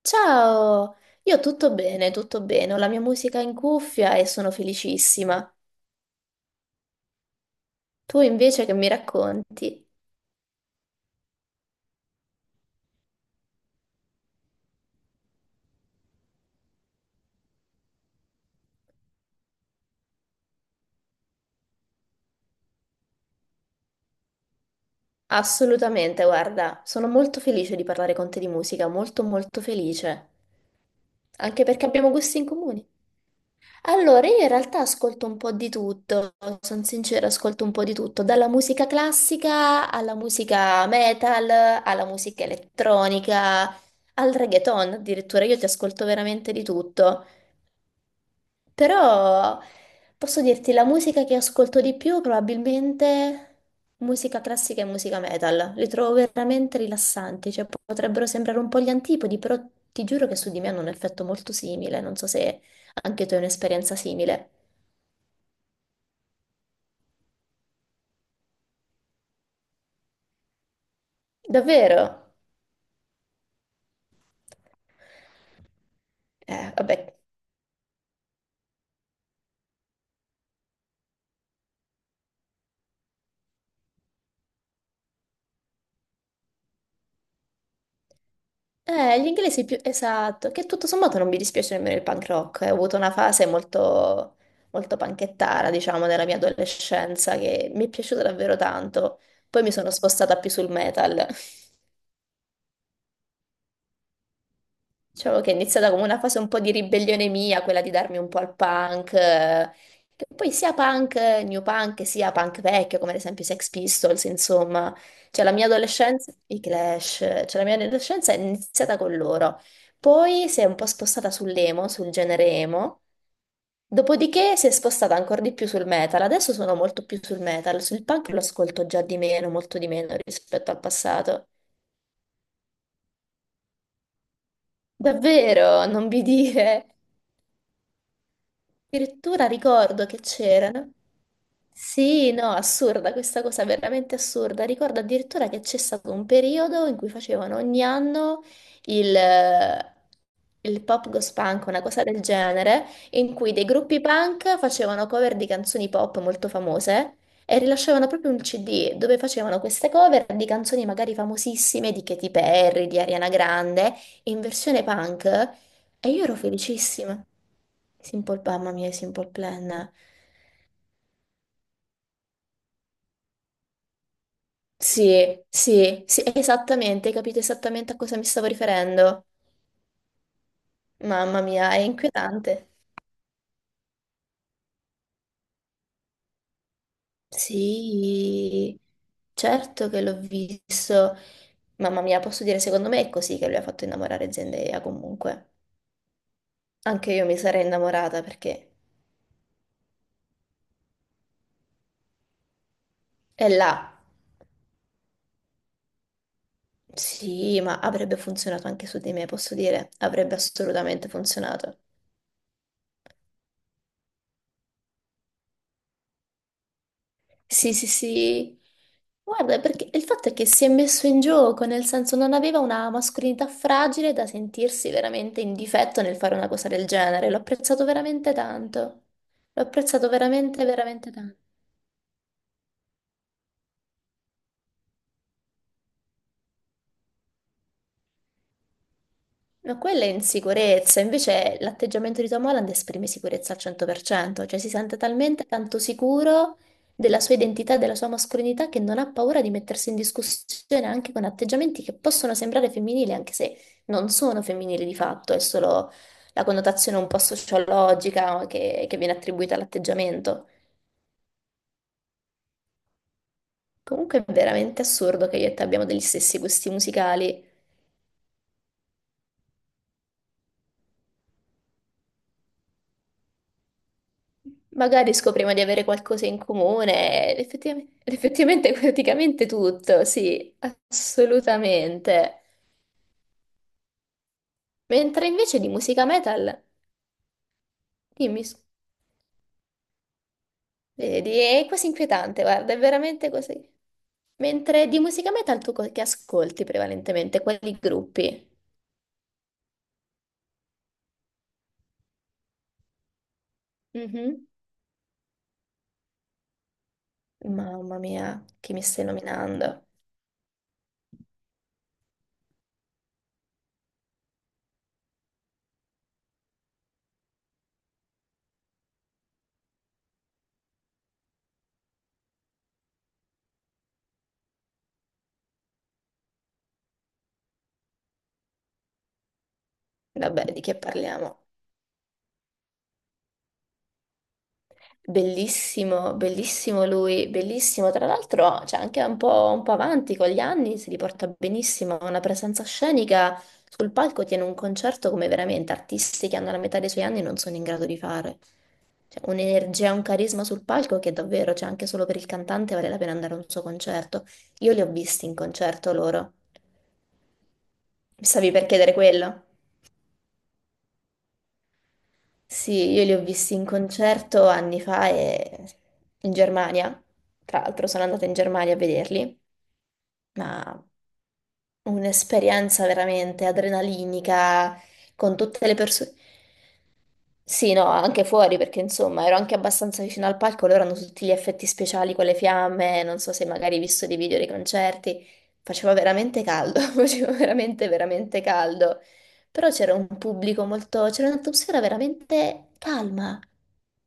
Ciao, io tutto bene, ho la mia musica in cuffia e sono felicissima. Tu invece che mi racconti? Assolutamente, guarda, sono molto felice di parlare con te di musica, molto molto felice, anche perché abbiamo gusti in comune. Allora, io in realtà ascolto un po' di tutto, sono sincera, ascolto un po' di tutto, dalla musica classica alla musica metal, alla musica elettronica, al reggaeton addirittura, io ti ascolto veramente di tutto. Però posso dirti, la musica che ascolto di più probabilmente musica classica e musica metal. Li trovo veramente rilassanti, cioè potrebbero sembrare un po' gli antipodi, però ti giuro che su di me hanno un effetto molto simile. Non so se anche tu hai un'esperienza simile. Davvero? Vabbè. Gli inglesi più... Esatto, che tutto sommato non mi dispiace nemmeno il punk rock. Eh. Ho avuto una fase molto, molto panchettara, diciamo, della mia adolescenza, che mi è piaciuta davvero tanto. Poi mi sono spostata più sul metal. Diciamo che è iniziata come una fase un po' di ribellione mia, quella di darmi un po' al punk, che poi sia punk, new punk, sia punk vecchio, come ad esempio i Sex Pistols, insomma. Cioè la mia adolescenza, i Clash, cioè la mia adolescenza è iniziata con loro. Poi si è un po' spostata sull'emo, sul genere emo. Dopodiché si è spostata ancora di più sul metal. Adesso sono molto più sul metal, sul punk lo ascolto già di meno, molto di meno rispetto al passato. Davvero, non vi dire. Addirittura ricordo che c'erano. Sì, no, assurda questa cosa, veramente assurda. Ricordo addirittura che c'è stato un periodo in cui facevano ogni anno il, il pop ghost punk, una cosa del genere, in cui dei gruppi punk facevano cover di canzoni pop molto famose e rilasciavano proprio un CD dove facevano queste cover di canzoni magari famosissime di Katy Perry, di Ariana Grande, in versione punk. E io ero felicissima. Simple, mamma mia, Simple Plan. Sì, sì, sì, esattamente, hai capito esattamente a cosa mi stavo riferendo. Mamma mia, è inquietante. Sì, certo che l'ho visto. Mamma mia, posso dire, secondo me è così che lui ha fatto innamorare Zendaya comunque. Anche io mi sarei innamorata perché è là. Sì, ma avrebbe funzionato anche su di me, posso dire, avrebbe assolutamente funzionato. Sì, sì, sì. Guarda, perché il fatto è che si è messo in gioco, nel senso non aveva una mascolinità fragile da sentirsi veramente in difetto nel fare una cosa del genere. L'ho apprezzato veramente tanto. L'ho apprezzato veramente, veramente tanto. Ma quella è insicurezza, invece l'atteggiamento di Tom Holland esprime sicurezza al 100%, cioè si sente talmente tanto sicuro della sua identità e della sua mascolinità che non ha paura di mettersi in discussione anche con atteggiamenti che possono sembrare femminili, anche se non sono femminili di fatto, è solo la connotazione un po' sociologica, no, che viene attribuita all'atteggiamento. Comunque è veramente assurdo che io e te abbiamo degli stessi gusti musicali. Magari scopriamo di avere qualcosa in comune, effettivamente, effettivamente praticamente tutto, sì, assolutamente. Mentre invece di musica metal, dimmi, vedi, è quasi inquietante, guarda, è veramente così. Mentre di musica metal tu che ascolti prevalentemente, quali gruppi? Mhm. Mamma mia, chi mi stai nominando? Vabbè, di che parliamo? Bellissimo, bellissimo lui, bellissimo. Tra l'altro, cioè, anche un po' avanti con gli anni, si riporta benissimo. Ha una presenza scenica sul palco, tiene un concerto come veramente artisti che hanno la metà dei suoi anni non sono in grado di fare. Cioè, un'energia, un carisma sul palco che davvero, cioè, anche solo per il cantante vale la pena andare a un suo concerto. Io li ho visti in concerto loro. Mi stavi per chiedere quello? Sì, io li ho visti in concerto anni fa e in Germania. Tra l'altro sono andata in Germania a vederli, ma un'esperienza veramente adrenalinica con tutte le persone. Sì, no, anche fuori perché insomma ero anche abbastanza vicino al palco, loro hanno tutti gli effetti speciali con le fiamme, non so se magari hai visto dei video dei concerti, faceva veramente caldo, faceva veramente, veramente caldo, però c'era un pubblico molto, c'era un'atmosfera veramente calma,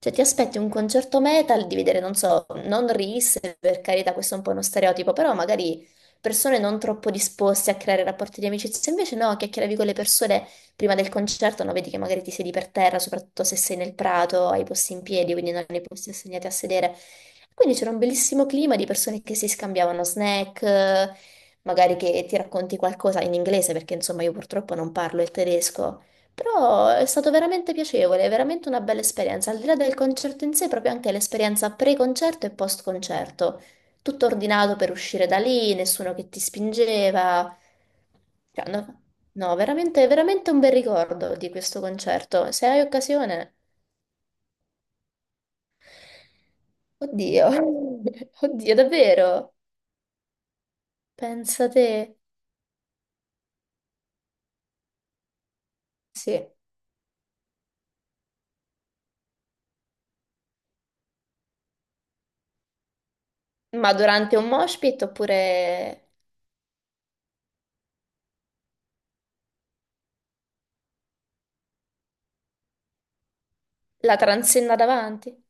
cioè ti aspetti un concerto metal di vedere, non so, non Reels, per carità questo è un po' uno stereotipo, però magari persone non troppo disposte a creare rapporti di amicizia, invece no, chiacchieravi con le persone prima del concerto, no, vedi che magari ti siedi per terra, soprattutto se sei nel prato, hai i posti in piedi, quindi non hai i posti assegnati a sedere. Quindi c'era un bellissimo clima di persone che si scambiavano snack, magari che ti racconti qualcosa in inglese, perché insomma io purtroppo non parlo il tedesco. Però è stato veramente piacevole, è veramente una bella esperienza, al di là del concerto in sé, proprio anche l'esperienza pre-concerto e post-concerto. Tutto ordinato per uscire da lì, nessuno che ti spingeva. Cioè, no, no, veramente, veramente un bel ricordo di questo concerto. Se hai occasione. Oddio, oddio, davvero? Pensa te. Sì. Ma durante un mosh pit oppure la transenna davanti?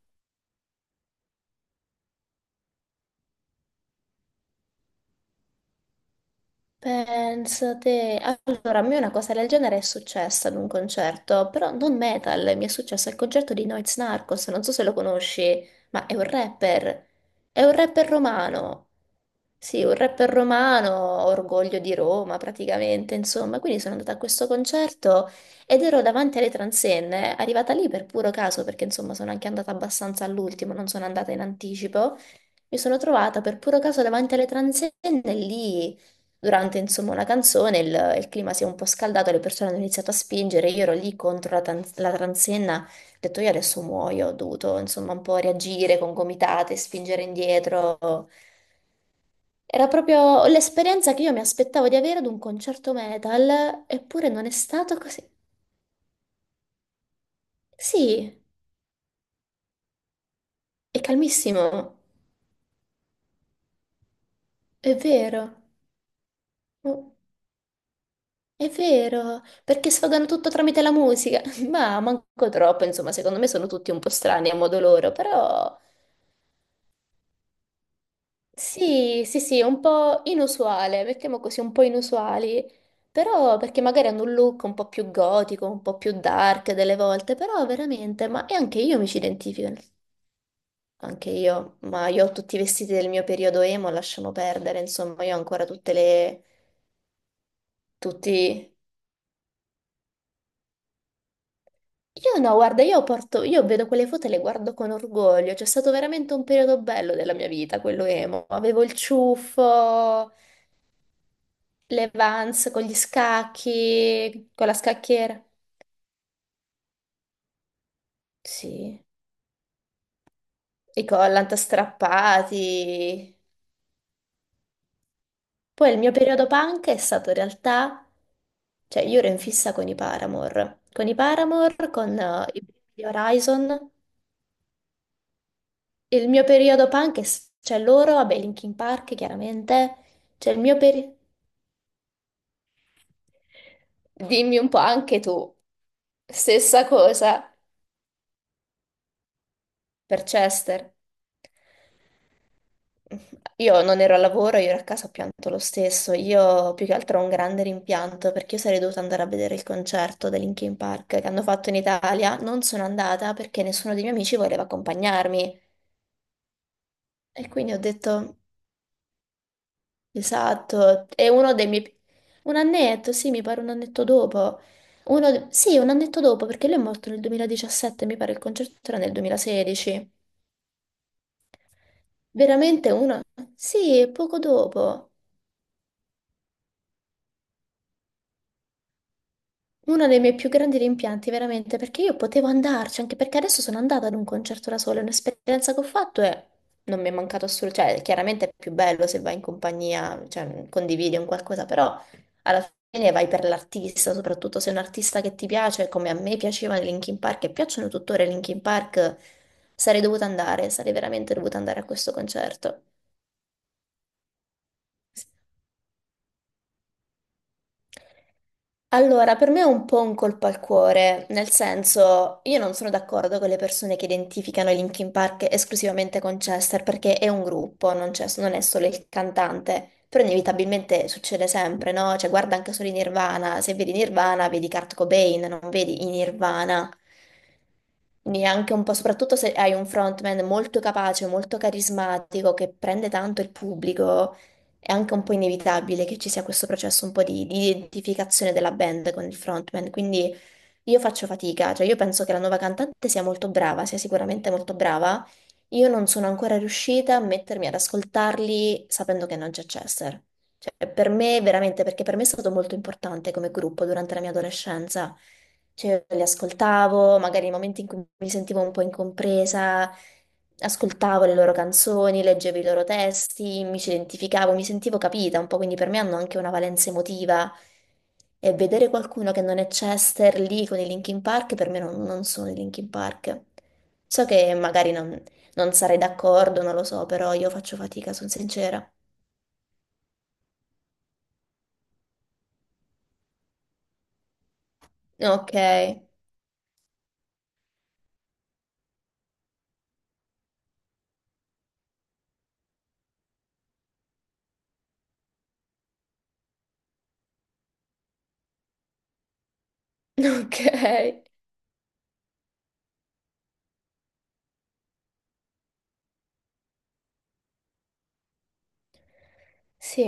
Pensate, allora a me una cosa del genere è successa ad un concerto, però non metal, mi è successo al concerto di Noyz Narcos, non so se lo conosci, ma è un rapper romano, sì, un rapper romano, orgoglio di Roma praticamente, insomma, quindi sono andata a questo concerto ed ero davanti alle transenne, arrivata lì per puro caso, perché insomma sono anche andata abbastanza all'ultimo, non sono andata in anticipo, mi sono trovata per puro caso davanti alle transenne lì durante insomma una canzone il clima si è un po' scaldato, le persone hanno iniziato a spingere, io ero lì contro la transenna, ho detto io adesso muoio, ho dovuto insomma un po' reagire con gomitate, spingere indietro. Era proprio l'esperienza che io mi aspettavo di avere ad un concerto metal, eppure non è stato così. Sì, è calmissimo, è vero. Oh, è vero, perché sfogano tutto tramite la musica, ma manco troppo, insomma, secondo me sono tutti un po' strani a modo loro, però... Sì, sì, sì, un po' inusuale, mettiamo così, un po' inusuali, però perché magari hanno un look un po' più gotico, un po' più dark delle volte, però veramente, ma e anche io mi ci identifico, anche io, ma io ho tutti i vestiti del mio periodo emo, lasciamo perdere, insomma, io ho ancora tutte le, tutti... Io no, guarda, io porto, io vedo quelle foto e le guardo con orgoglio, c'è stato veramente un periodo bello della mia vita, quello emo, avevo il ciuffo... le Vans con gli scacchi, con la scacchiera. Sì, i collant strappati. Poi il mio periodo punk è stato in realtà, cioè io ero in fissa con i Paramore, con i Paramore, con i gli Horizon. Il mio periodo punk, è cioè loro, vabbè, Linkin Park chiaramente, cioè il mio periodo... Dimmi un po' anche tu, stessa cosa per Chester. Io non ero al lavoro, io ero a casa, ho pianto lo stesso. Io più che altro ho un grande rimpianto perché io sarei dovuta andare a vedere il concerto dei Linkin Park che hanno fatto in Italia. Non sono andata perché nessuno dei miei amici voleva accompagnarmi. E quindi ho detto, esatto, è uno dei miei... Un annetto, sì, mi pare un annetto dopo. Uno... Sì, un annetto dopo perché lui è morto nel 2017, mi pare il concerto era nel 2016. Veramente uno... Sì, poco dopo. Uno dei miei più grandi rimpianti, veramente, perché io potevo andarci, anche perché adesso sono andata ad un concerto da sola, è un'esperienza che ho fatto e non mi è mancato assolutamente, cioè chiaramente è più bello se vai in compagnia, cioè condividi un qualcosa, però alla fine vai per l'artista, soprattutto se è un artista che ti piace, come a me piaceva Linkin Park e piacciono tuttora i Linkin Park, sarei dovuta andare, sarei veramente dovuta andare a questo concerto. Allora, per me è un po' un colpo al cuore, nel senso, io non sono d'accordo con le persone che identificano i Linkin Park esclusivamente con Chester, perché è un gruppo, non è solo il cantante, però inevitabilmente succede sempre, no? Cioè, guarda anche solo i Nirvana, se vedi Nirvana vedi Kurt Cobain, non vedi i Nirvana. Neanche un po', soprattutto se hai un frontman molto capace, molto carismatico, che prende tanto il pubblico, è anche un po' inevitabile che ci sia questo processo un po' di identificazione della band con il frontman, quindi io faccio fatica, cioè io penso che la nuova cantante sia molto brava, sia sicuramente molto brava, io non sono ancora riuscita a mettermi ad ascoltarli sapendo che non c'è Chester. Cioè, per me, veramente, perché per me è stato molto importante come gruppo durante la mia adolescenza. Cioè, li ascoltavo, magari nei momenti in cui mi sentivo un po' incompresa, ascoltavo le loro canzoni, leggevo i loro testi, mi ci identificavo, mi sentivo capita un po', quindi per me hanno anche una valenza emotiva. E vedere qualcuno che non è Chester lì con i Linkin Park, per me non sono i Linkin Park. So che magari non, non sarei d'accordo, non lo so, però io faccio fatica, sono sincera. Ok, ok, sì,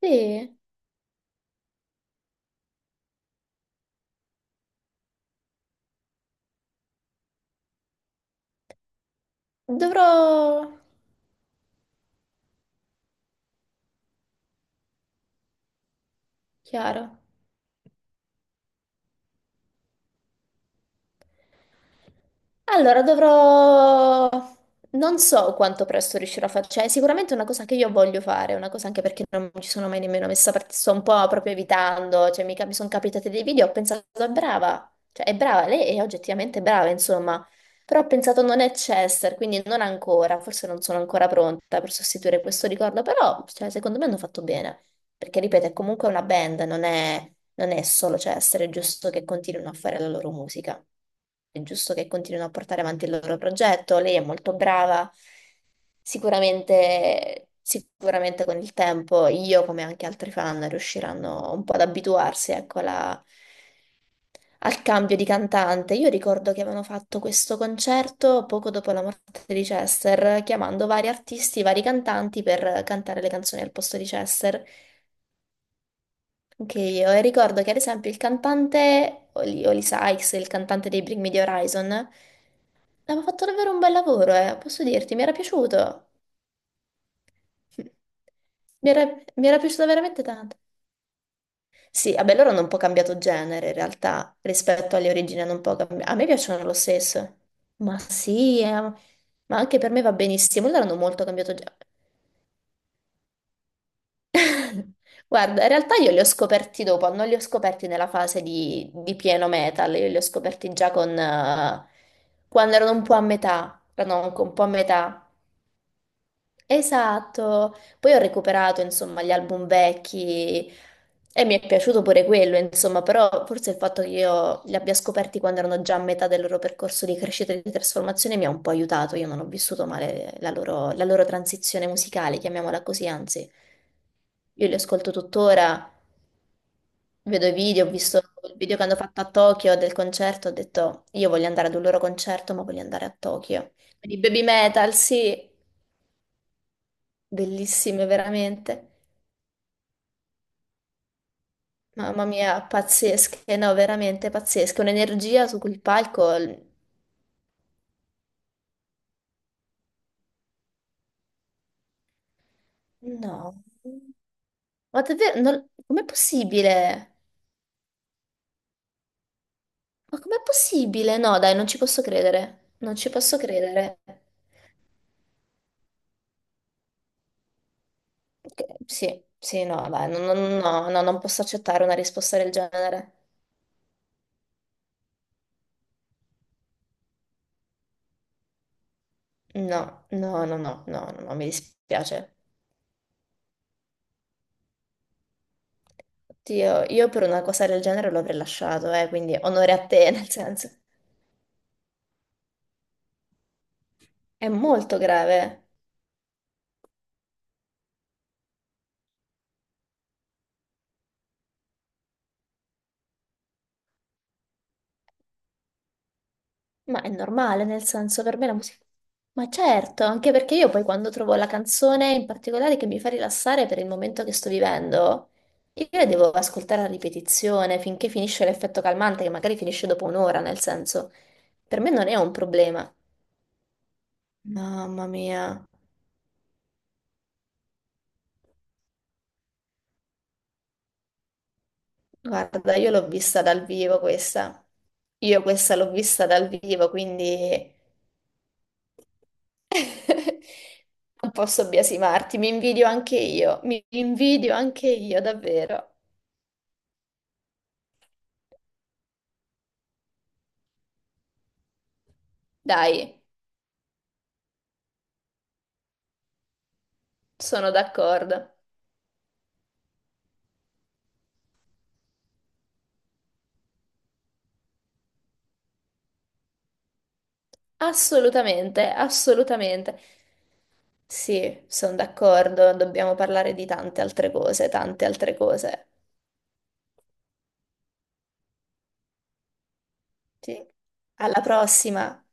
sì, dovrò... Chiaro. Allora, dovrò... Non so quanto presto riuscirò a fare, cioè è sicuramente una cosa che io voglio fare, una cosa anche perché non ci sono mai nemmeno messa, perché sto un po' proprio evitando, cioè mi, mi sono capitate dei video, ho pensato è brava, cioè è brava, lei è oggettivamente brava, insomma, però ho pensato non è Chester, quindi non ancora, forse non sono ancora pronta per sostituire questo ricordo, però cioè, secondo me hanno fatto bene. Perché, ripeto, è comunque una band, non è solo, cioè, essere giusto che continuino a fare la loro musica. È giusto che continuino a portare avanti il loro progetto. Lei è molto brava. Sicuramente, sicuramente con il tempo io, come anche altri fan, riusciranno un po' ad abituarsi, ecco, alla- al cambio di cantante. Io ricordo che avevano fatto questo concerto poco dopo la morte di Chester, chiamando vari artisti, vari cantanti per cantare le canzoni al posto di Chester. Anche io, e ricordo che ad esempio il cantante, Oli Sykes, il cantante dei Bring Me The Horizon, aveva fatto davvero un bel lavoro, posso dirti, mi era piaciuto. Mi era, mi era piaciuto veramente tanto. Sì, vabbè, loro hanno un po' cambiato genere in realtà rispetto alle origini, hanno un po' cambiato. A me piacciono lo stesso. Ma sì, ma anche per me va benissimo. Loro hanno molto cambiato genere. Guarda, in realtà io li ho scoperti dopo, non li ho scoperti nella fase di pieno metal, io li ho scoperti già con, quando erano un po' a metà, erano anche un po' a metà. Esatto, poi ho recuperato insomma gli album vecchi e mi è piaciuto pure quello, insomma, però forse il fatto che io li abbia scoperti quando erano già a metà del loro percorso di crescita e di trasformazione mi ha un po' aiutato, io non ho vissuto male la loro transizione musicale, chiamiamola così, anzi. Io li ascolto tuttora. Vedo i video, ho visto il video che hanno fatto a Tokyo del concerto, ho detto io voglio andare ad un loro concerto, ma voglio andare a Tokyo. I Baby Metal, sì, bellissime veramente. Mamma mia, pazzesche, no, veramente pazzesche. Un'energia su quel palco, l- no. Ma davvero, non- com'è possibile? Ma com'è possibile? No, dai, non ci posso credere. Non ci posso credere. Che- Sì, sì, no, dai, no, no, no, no, non posso accettare una risposta del genere. No, no, no, no, no, no, no, mi dispiace. Oddio, io per una cosa del genere lo avrei lasciato, quindi onore a te, nel senso. È molto grave, ma è normale, nel senso, per me la musica... Ma certo, anche perché io poi quando trovo la canzone in particolare che mi fa rilassare per il momento che sto vivendo, io la devo ascoltare a ripetizione finché finisce l'effetto calmante, che magari finisce dopo un'ora, nel senso. Per me non è un problema. Mamma mia. Guarda, io l'ho vista dal vivo questa. Io questa l'ho vista dal vivo, quindi non posso biasimarti. Mi invidio anche io, davvero. Dai, sono d'accordo. Assolutamente, assolutamente. Sì, sono d'accordo. Dobbiamo parlare di tante altre cose, tante altre cose. Sì. Alla prossima.